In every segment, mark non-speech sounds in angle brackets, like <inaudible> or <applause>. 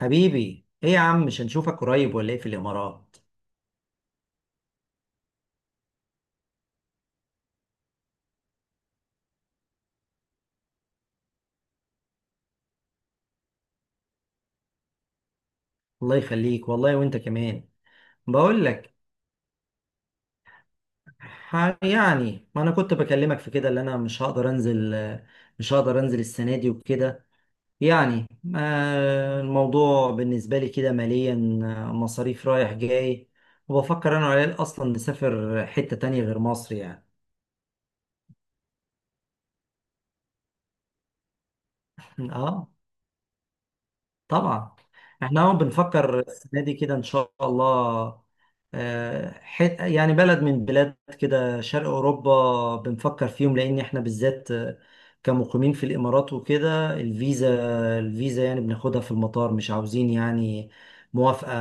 حبيبي، ايه يا عم؟ مش هنشوفك قريب ولا ايه في الامارات؟ الله يخليك والله وانت كمان. بقول لك. يعني ما انا كنت بكلمك في كده اللي انا مش هقدر انزل. مش هقدر انزل السنه دي وكده، يعني. الموضوع بالنسبه لي كده ماليا. مصاريف رايح جاي. وبفكر انا وعيال اصلا نسافر حته تانية غير مصر يعني. اه طبعا. احنا اهو بنفكر السنه دي كده ان شاء الله. آه، حت يعني بلد من بلاد كده شرق اوروبا بنفكر فيهم لان احنا بالذات، كمقيمين في الامارات وكده. الفيزا، الفيزا يعني بناخدها في المطار، مش عاوزين يعني موافقه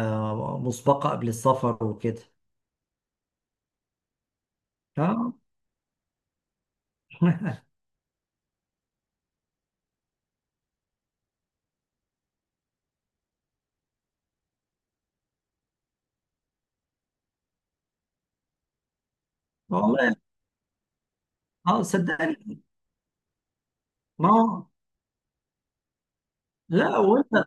مسبقه قبل السفر وكده. اه. <laughs> والله. اه صدقني. ما هو. لا، وانت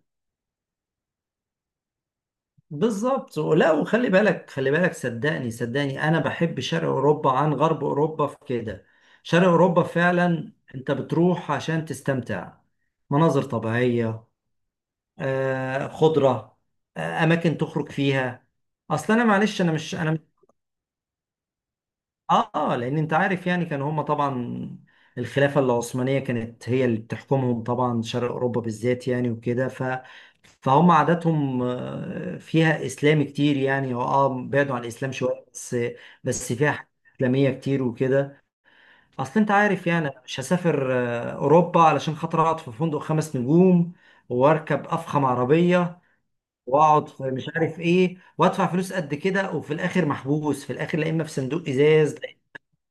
بالظبط. ولا، وخلي بالك خلي بالك، صدقني صدقني، انا بحب شرق اوروبا عن غرب اوروبا في كده. شرق اوروبا فعلا انت بتروح عشان تستمتع، مناظر طبيعية، خضرة، اماكن تخرج فيها. اصل انا، معلش، انا مش انا. لان انت عارف يعني كان هما طبعا الخلافه العثمانيه كانت هي اللي بتحكمهم، طبعا شرق اوروبا بالذات يعني وكده، ف فهم عاداتهم، فيها اسلام كتير، يعني هو بعدوا عن الاسلام شويه بس. بس فيها حاجات اسلاميه كتير وكده. اصل انت عارف يعني أنا مش هسافر اوروبا علشان خاطر اقعد في فندق خمس نجوم واركب افخم عربيه واقعد في مش عارف ايه وادفع فلوس قد كده وفي الاخر محبوس، في الاخر لا اما في صندوق ازاز،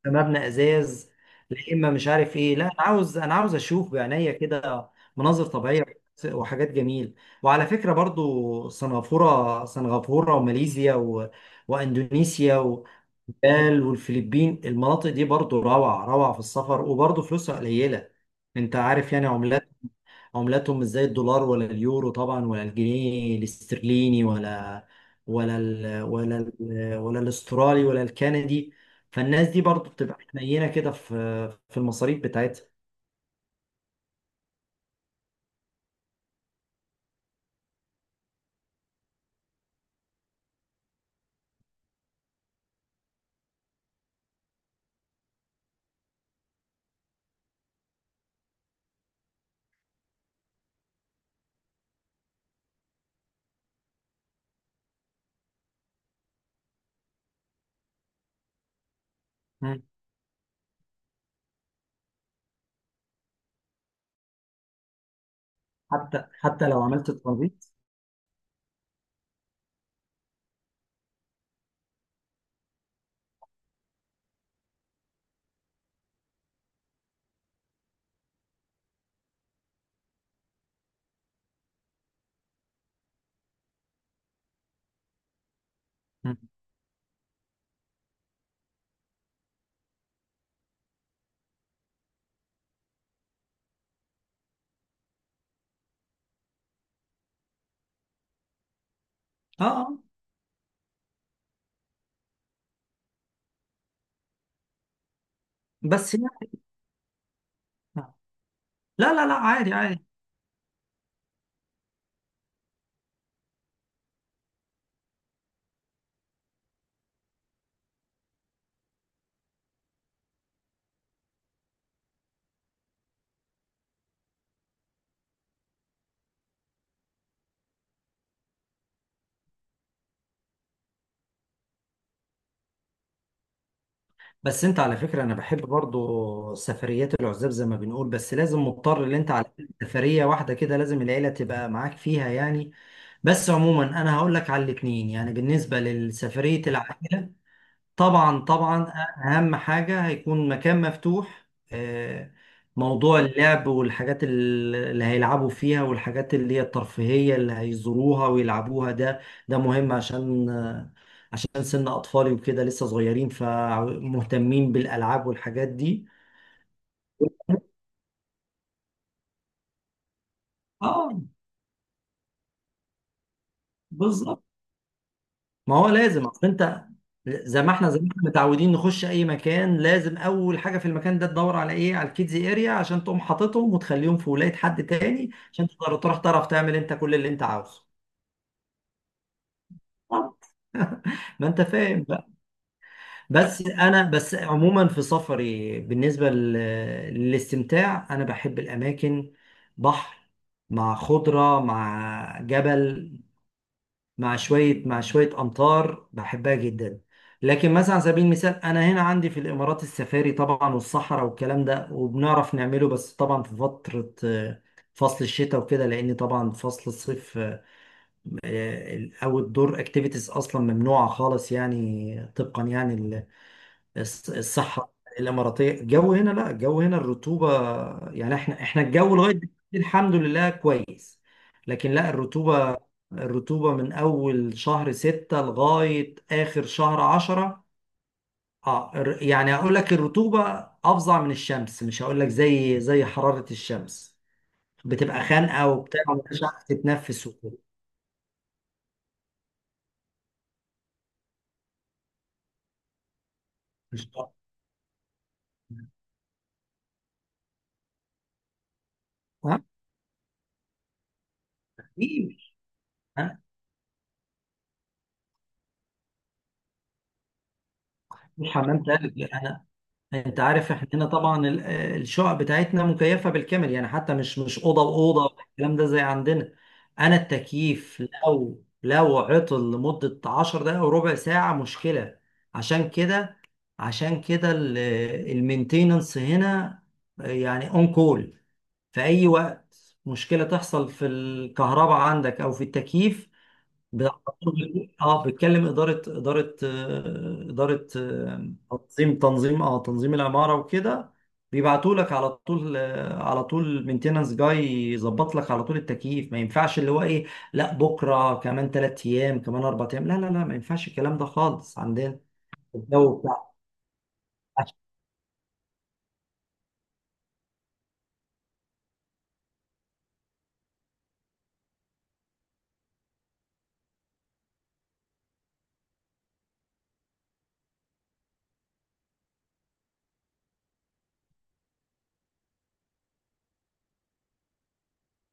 مبنى ازاز. لا اما مش عارف ايه. لا، انا عاوز، اشوف بعينيا كده مناظر طبيعيه وحاجات جميل. وعلى فكره برضو سنغافوره سنغافوره وماليزيا واندونيسيا والفلبين. المناطق دي برضو روعه روعه في السفر، وبرضو فلوسها قليله. انت عارف يعني عملات، عملاتهم مش زي الدولار ولا اليورو طبعا ولا الجنيه الاسترليني، ولا الاسترالي ولا الكندي. فالناس دي برضو بتبقى حنينه كده في المصاريف بتاعتها. مم. حتى لو عملت ترانزيت. مم. اه. بس يعني. لا لا لا، عادي عادي. بس انت على فكره، انا بحب برضو سفريات العزاب زي ما بنقول، بس لازم مضطر ان انت على سفريه واحده كده لازم العيله تبقى معاك فيها يعني. بس عموما انا هقول لك على الاثنين، يعني بالنسبه لسفريه العائله طبعا طبعا اهم حاجه هيكون مكان مفتوح. آه، موضوع اللعب والحاجات اللي هيلعبوا فيها والحاجات اللي هي الترفيهيه اللي هيزوروها ويلعبوها، ده ده مهم، عشان سن اطفالي وكده لسه صغيرين فمهتمين بالالعاب والحاجات دي. اه بالظبط. ما هو لازم، اصل انت، زي ما احنا متعودين نخش اي مكان لازم اول حاجه في المكان ده تدور على ايه، على الكيدز اريا عشان تقوم حاططهم وتخليهم في ولايه حد تاني عشان تقدر تروح تعرف تعمل انت كل اللي انت عاوزه. ما انت فاهم بقى. بس انا عموما في سفري بالنسبه للاستمتاع انا بحب الاماكن. بحر مع خضره مع جبل، مع شوية أمطار، بحبها جدا. لكن مثلا على سبيل المثال أنا هنا عندي في الإمارات السفاري طبعا والصحراء والكلام ده وبنعرف نعمله، بس طبعا في فترة فصل الشتاء وكده، لأن طبعا فصل الصيف أو الدور أكتيفيتيز أصلا ممنوعة خالص يعني، طبقا يعني الصحراء الاماراتيه. الجو هنا، لا، الجو هنا الرطوبه. يعني احنا الجو لغايه دلوقتي الحمد لله كويس، لكن لا، الرطوبه. الرطوبه من اول شهر ستة لغايه اخر شهر عشرة. اه، يعني اقول لك الرطوبه افظع من الشمس، مش هقول لك زي حراره الشمس. بتبقى خانقه وبتاع ومش عارف تتنفس وكده. مش. ها؟ إيه؟ أنا مش حمام تلج، انا انت عارف، احنا هنا طبعا الشقق بتاعتنا مكيفه بالكامل، يعني حتى مش اوضه واوضه الكلام ده زي عندنا. انا التكييف لو عطل لمده 10 دقائق وربع ساعه مشكله. عشان كده عشان كده المينتيننس هنا يعني اون كول في اي وقت. مشكله تحصل في الكهرباء عندك او في التكييف. بت- اه بتكلم اداره، تنظيم العماره وكده. بيبعتوا لك على طول، مينتيننس جاي يظبط لك على طول التكييف. ما ينفعش اللي هو ايه، لا بكره، كمان 3 ايام، كمان 4 ايام. لا لا لا، ما ينفعش الكلام ده خالص عندنا. الجو بتاع.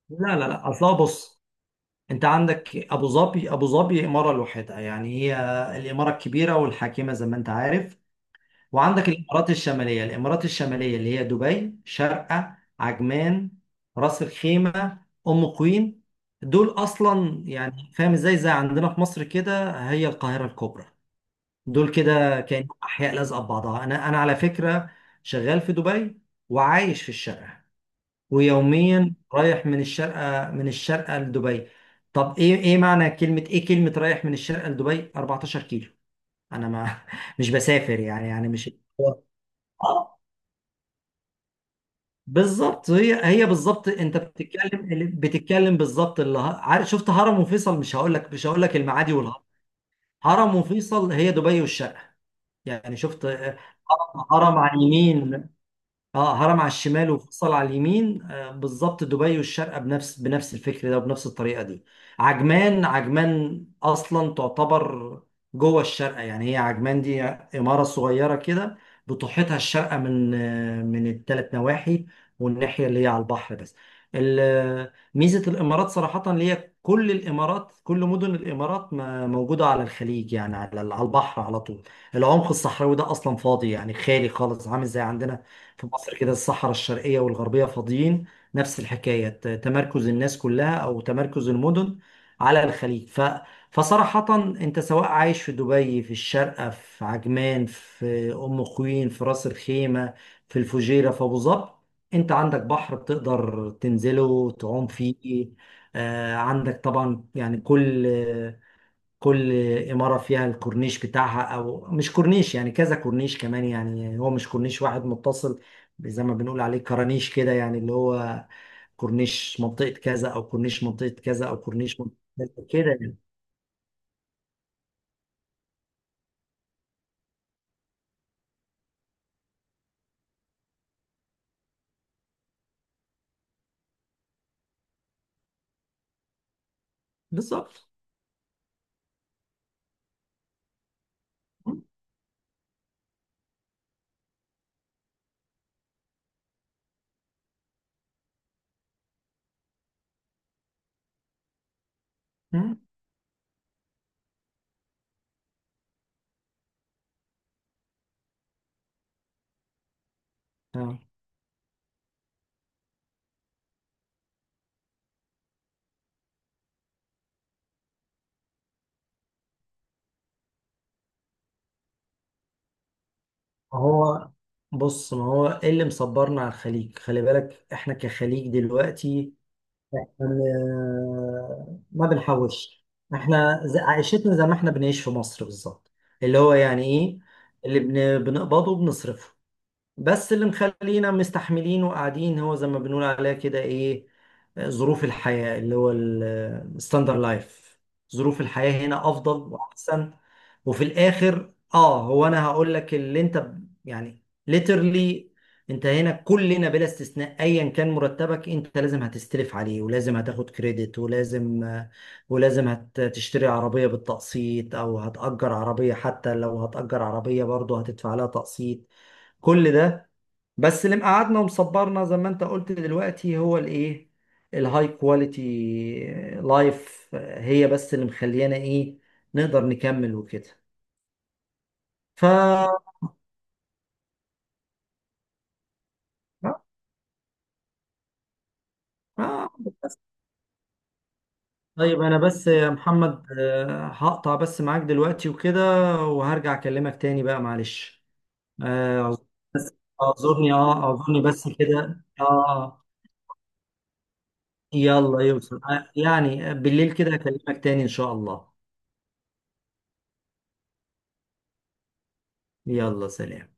لا لا لا، اصلا بص، انت عندك ابو ظبي، ابو ظبي اماره لوحدها يعني، هي الاماره الكبيره والحاكمه زي ما انت عارف. وعندك الامارات الشماليه، الامارات الشماليه اللي هي دبي، شارقه، عجمان، راس الخيمه، ام قوين. دول اصلا يعني فاهم ازاي، زي عندنا في مصر كده هي القاهره الكبرى. دول كده كانوا احياء لازقه ببعضها. انا على فكره شغال في دبي وعايش في الشارقه، ويوميا رايح من الشارقه لدبي. طب ايه، معنى كلمه، ايه كلمه رايح من الشارقه لدبي؟ 14 كيلو، انا ما <laughs> مش بسافر يعني، مش. بالظبط، هي هي بالظبط. انت بتتكلم بالظبط اللي عارف، شفت هرم وفيصل؟ مش هقول لك، المعادي والهرم، هرم وفيصل هي دبي والشرق يعني. شفت هرم، على اليمين. اه، هرم على الشمال وفيصل على اليمين، بالظبط. دبي والشارقة بنفس الفكر ده وبنفس الطريقة دي. عجمان، عجمان اصلا تعتبر جوه الشارقة، يعني هي عجمان دي عمارة صغيرة كده بتحيطها الشارقة من الثلاث نواحي، والناحية اللي هي على البحر بس. ميزة الامارات صراحة اللي هي كل الامارات، كل مدن الامارات موجودة على الخليج، يعني على البحر على طول. العمق الصحراوي ده اصلا فاضي، يعني خالي خالص، عامل زي عندنا في مصر كده الصحراء الشرقية والغربية فاضيين. نفس الحكاية، تمركز الناس كلها أو تمركز المدن على الخليج. فصراحة أنت سواء عايش في دبي، في الشارقة، في عجمان، في أم خوين، في راس الخيمة، في الفجيرة، في أبو ظبي، أنت عندك بحر بتقدر تنزله تعوم فيه. عندك طبعا يعني كل إمارة فيها الكورنيش بتاعها، أو مش كورنيش يعني كذا كورنيش كمان، يعني هو مش كورنيش واحد متصل زي ما بنقول عليه كرانيش كده، يعني اللي هو كورنيش منطقة كذا أو كورنيش منطقة كذا أو كورنيش منطقة كذا كده يعني. بالظبط. م- م- آه. هو بص، ما هو إيه اللي مصبرنا على الخليج، خلي بالك. إحنا كخليج دلوقتي ما بنحوش. احنا عيشتنا زي ما احنا بنعيش في مصر بالظبط، اللي هو يعني ايه، اللي بنقبضه بنصرفه. بس اللي مخلينا مستحملين وقاعدين هو زي ما بنقول عليها كده ايه، ظروف الحياة اللي هو الستاندر لايف. ظروف الحياة هنا افضل واحسن. وفي الاخر هو، انا هقول لك اللي انت يعني ليترلي، انت هنا كلنا بلا استثناء ايا كان مرتبك، انت لازم هتستلف عليه ولازم هتاخد كريدت، ولازم هتشتري عربية بالتقسيط او هتأجر عربية، حتى لو هتأجر عربية برضه هتدفع لها تقسيط. كل ده بس اللي مقعدنا ومصبرنا زي ما انت قلت دلوقتي هو الايه، الهاي كواليتي لايف هي بس اللي مخليانا ايه نقدر نكمل وكده. ف آه، بس. طيب انا بس يا محمد، هقطع بس معاك دلوقتي وكده وهرجع اكلمك تاني بقى معلش. آه، بس اعذرني، بس كده. اه يلا يوصل، يعني بالليل كده اكلمك تاني ان شاء الله. يلا سلام.